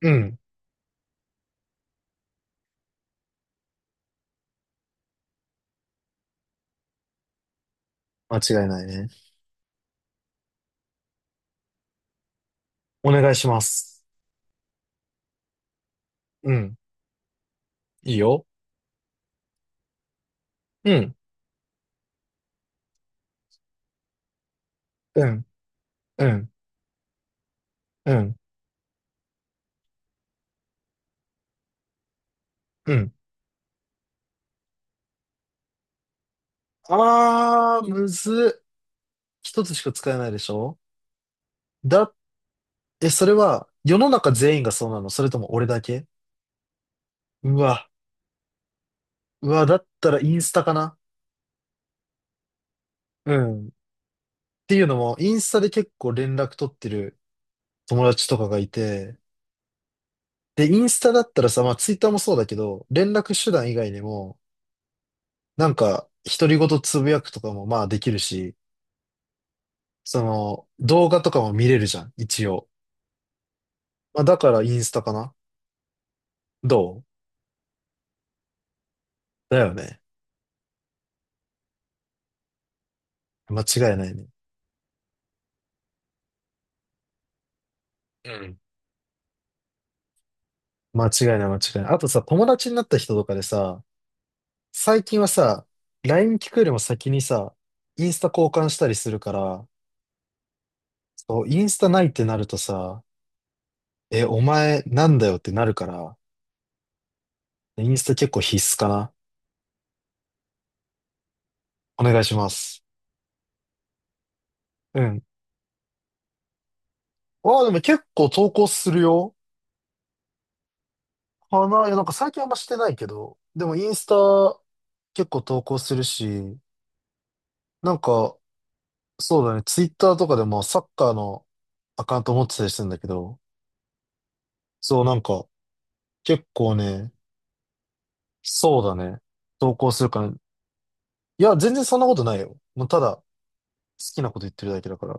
うん。間違いないね。お願いします。うん。いいよ。うん。うん。うん。うん。うん。あー、むずっ。一つしか使えないでしょ？だ、え、それは、世の中全員がそうなの？それとも俺だけ？うわ。うわ、だったらインスタかな。うん。っていうのも、インスタで結構連絡取ってる友達とかがいて、で、インスタだったらさ、まあ、ツイッターもそうだけど、連絡手段以外にも、なんか、独り言つぶやくとかもまあできるし、その、動画とかも見れるじゃん、一応。まあ、だからインスタかな。どうだよね。間違いないね。うん。間違いない間違いない。あとさ、友達になった人とかでさ、最近はさ、LINE 聞くよりも先にさ、インスタ交換したりするから、そう、インスタないってなるとさ、え、お前なんだよってなるから、インスタ結構必須かな。お願いします。うん。ああ、でも結構投稿するよ、かな。いや、なんか最近あんましてないけど、でもインスタ結構投稿するし、なんか、そうだね、ツイッターとかでもサッカーのアカウント持ってたりするんだけど、そう、なんか、結構ね、そうだね、投稿するから、いや、全然そんなことないよ。もうただ、好きなこと言ってるだけだから、っ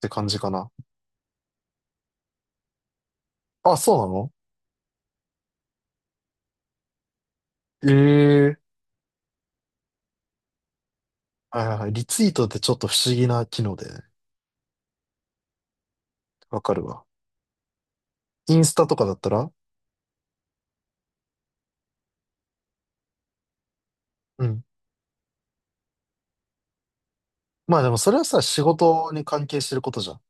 て感じかな。あ、そうなの？ええー。はいはいはい。リツイートってちょっと不思議な機能でね、わかるわ。インスタとかだったら。うん。まあでもそれはさ、仕事に関係してることじゃん。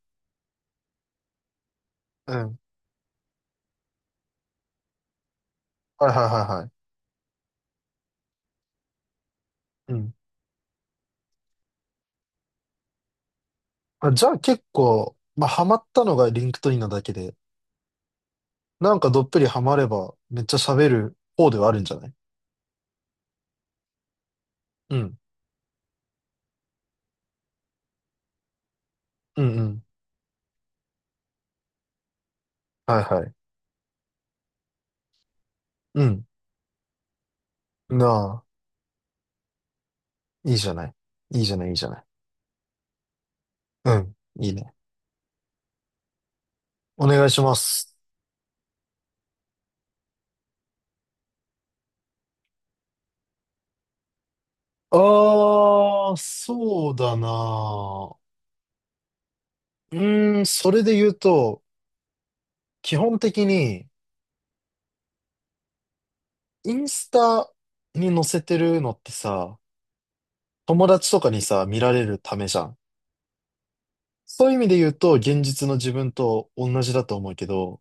うん。はいはいはいはい。うん。あ、じゃあ結構、まあ、ハマったのがリンクトインなだけで、なんかどっぷりハマれば、めっちゃ喋る方ではあるんじゃない？うん。うんうん。はいはい。うん。なあ、いいじゃない。いいじゃない、いいじゃない。うん。いいね。お願いします。ああ、そうだな。うーん、それで言うと、基本的に、インスタに載せてるのってさ、友達とかにさ、見られるためじゃん。そういう意味で言うと、現実の自分と同じだと思うけど、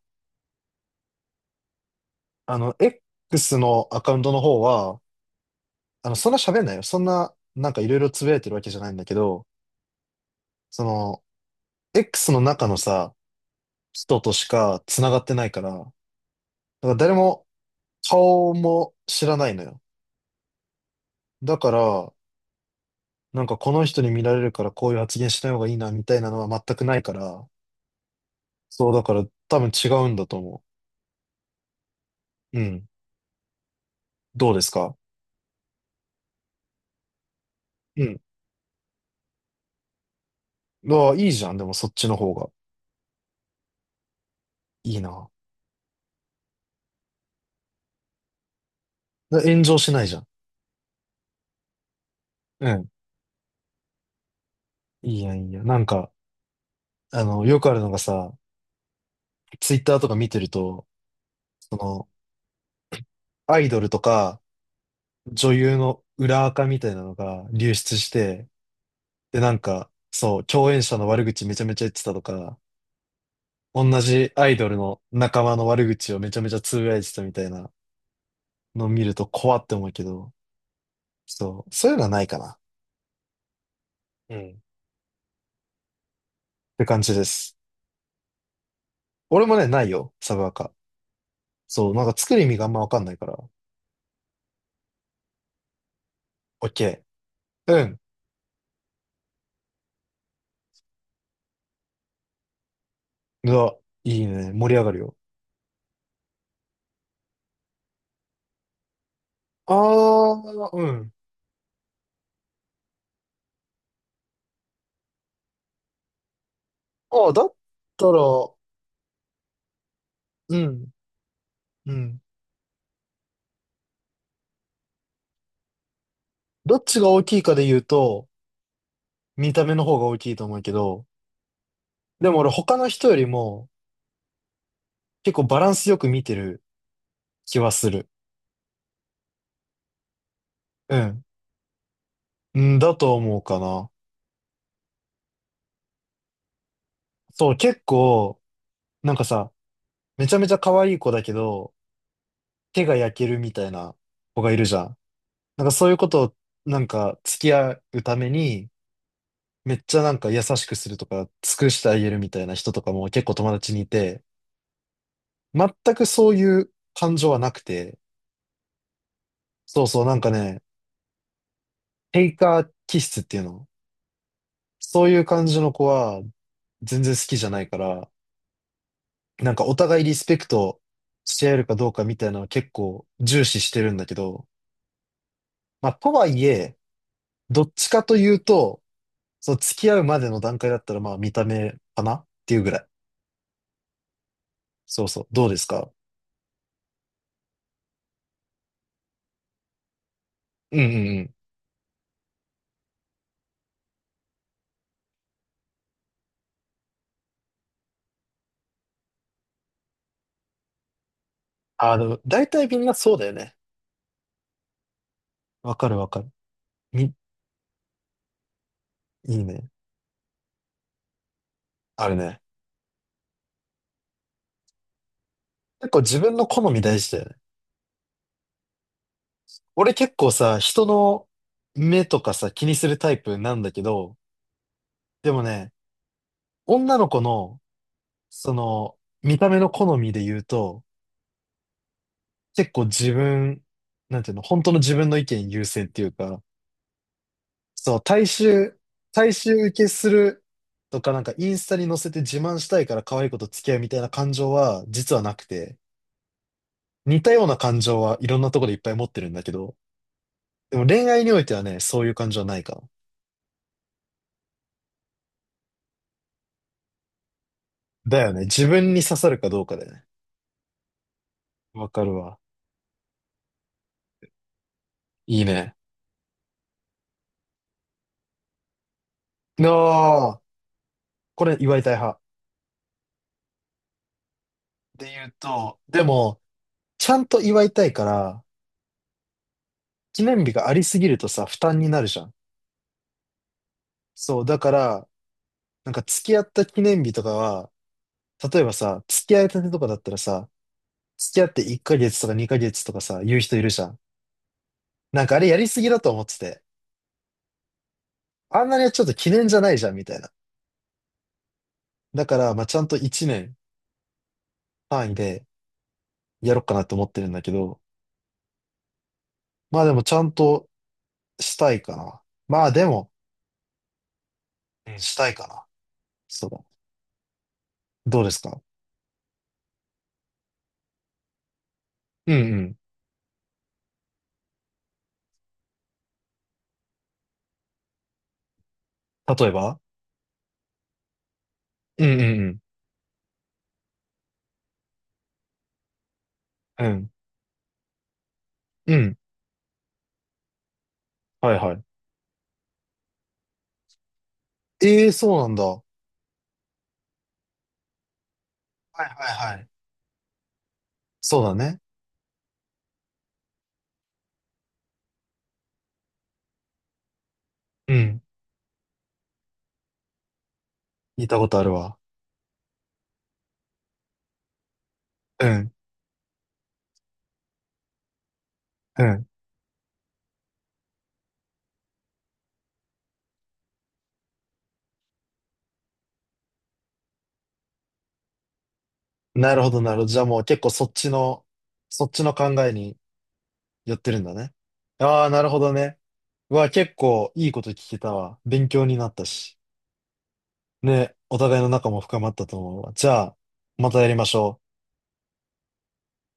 あの、X のアカウントの方は、あの、そんな喋んないよ。そんな、なんかいろいろつぶやいてるわけじゃないんだけど、その、X の中のさ、人としか繋がってないから、だから誰も顔も知らないのよ。だから、なんかこの人に見られるからこういう発言しない方がいいな、みたいなのは全くないから、そう、だから多分違うんだと思う。うん。どうですか？うん。ああ、いいじゃん。でもそっちの方がいいな。炎上しないじゃん。うん。いいやん、いいやん。なんか、あの、よくあるのがさ、ツイッターとか見てると、その、アイドルとか、女優の裏垢みたいなのが流出して、で、なんか、そう、共演者の悪口めちゃめちゃ言ってたとか、同じアイドルの仲間の悪口をめちゃめちゃつぶやいてたみたいなのを見ると怖って思うけど、そう、そういうのはないかな。うん。って感じです。俺もね、ないよ、サブアカ。そう、なんか作る意味があんまわかんないから。オッケー。うん。うわ、いいね。盛り上がるよ。ああ、うん。ああ、だったら、うん、うん。どっちが大きいかで言うと、見た目の方が大きいと思うけど、でも俺他の人よりも結構バランスよく見てる気はする。うん。うん、だと思うかな。そう、結構、なんかさ、めちゃめちゃ可愛い子だけど、手が焼けるみたいな子がいるじゃん。なんかそういうことを、なんか付き合うために、めっちゃなんか優しくするとか、尽くしてあげるみたいな人とかも結構友達にいて、全くそういう感情はなくて、そうそうなんかね、テイカー気質っていうの。そういう感じの子は全然好きじゃないから、なんかお互いリスペクトし合えるかどうかみたいなのは結構重視してるんだけど、まあとはいえ、どっちかというと、そう付き合うまでの段階だったらまあ見た目かなっていうぐらい。そうそう。どうですか？うんうんうん。あの、大体みんなそうだよね。わかるわかる。み、いいね。あるね。結構自分の好み大事だよね。俺結構さ、人の目とかさ、気にするタイプなんだけど、でもね、女の子の、その、見た目の好みで言うと、結構自分、なんていうの、本当の自分の意見優先っていうか、そう、大衆受けするとか、なんかインスタに載せて自慢したいから可愛い子と付き合うみたいな感情は、実はなくて、似たような感情はいろんなところでいっぱい持ってるんだけど、でも恋愛においてはね、そういう感じはないかも。だよね。自分に刺さるかどうかだよね。わかるわ。いいね。ああ、これ祝いたい派。で言うと、でも、ちゃんと祝いたいから、記念日がありすぎるとさ、負担になるじゃん。そう、だから、なんか付き合った記念日とかは、例えばさ、付き合いたてとかだったらさ、付き合って1ヶ月とか2ヶ月とかさ、言う人いるじゃん。なんかあれやりすぎだと思ってて、あんなにはちょっと記念じゃないじゃん、みたいな。だから、まあ、ちゃんと1年単位で、やろうかなと思ってるんだけど、まあでもちゃんとしたいかな。まあでも、うん、したいかな。そうだ。どうですか？うんうん。例えば、うんうんうん。うん。うん。はいはい。ええ、そうなんだ。はいはいはい。そうだね。うん。聞いたことあるわ。うん。うん。なるほどなるほど。じゃあもう結構そっちの考えに寄ってるんだね。ああ、なるほどね。うわ、結構いいこと聞けたわ。勉強になったし。ね、お互いの仲も深まったと思うわ。じゃあ、またやりましょう。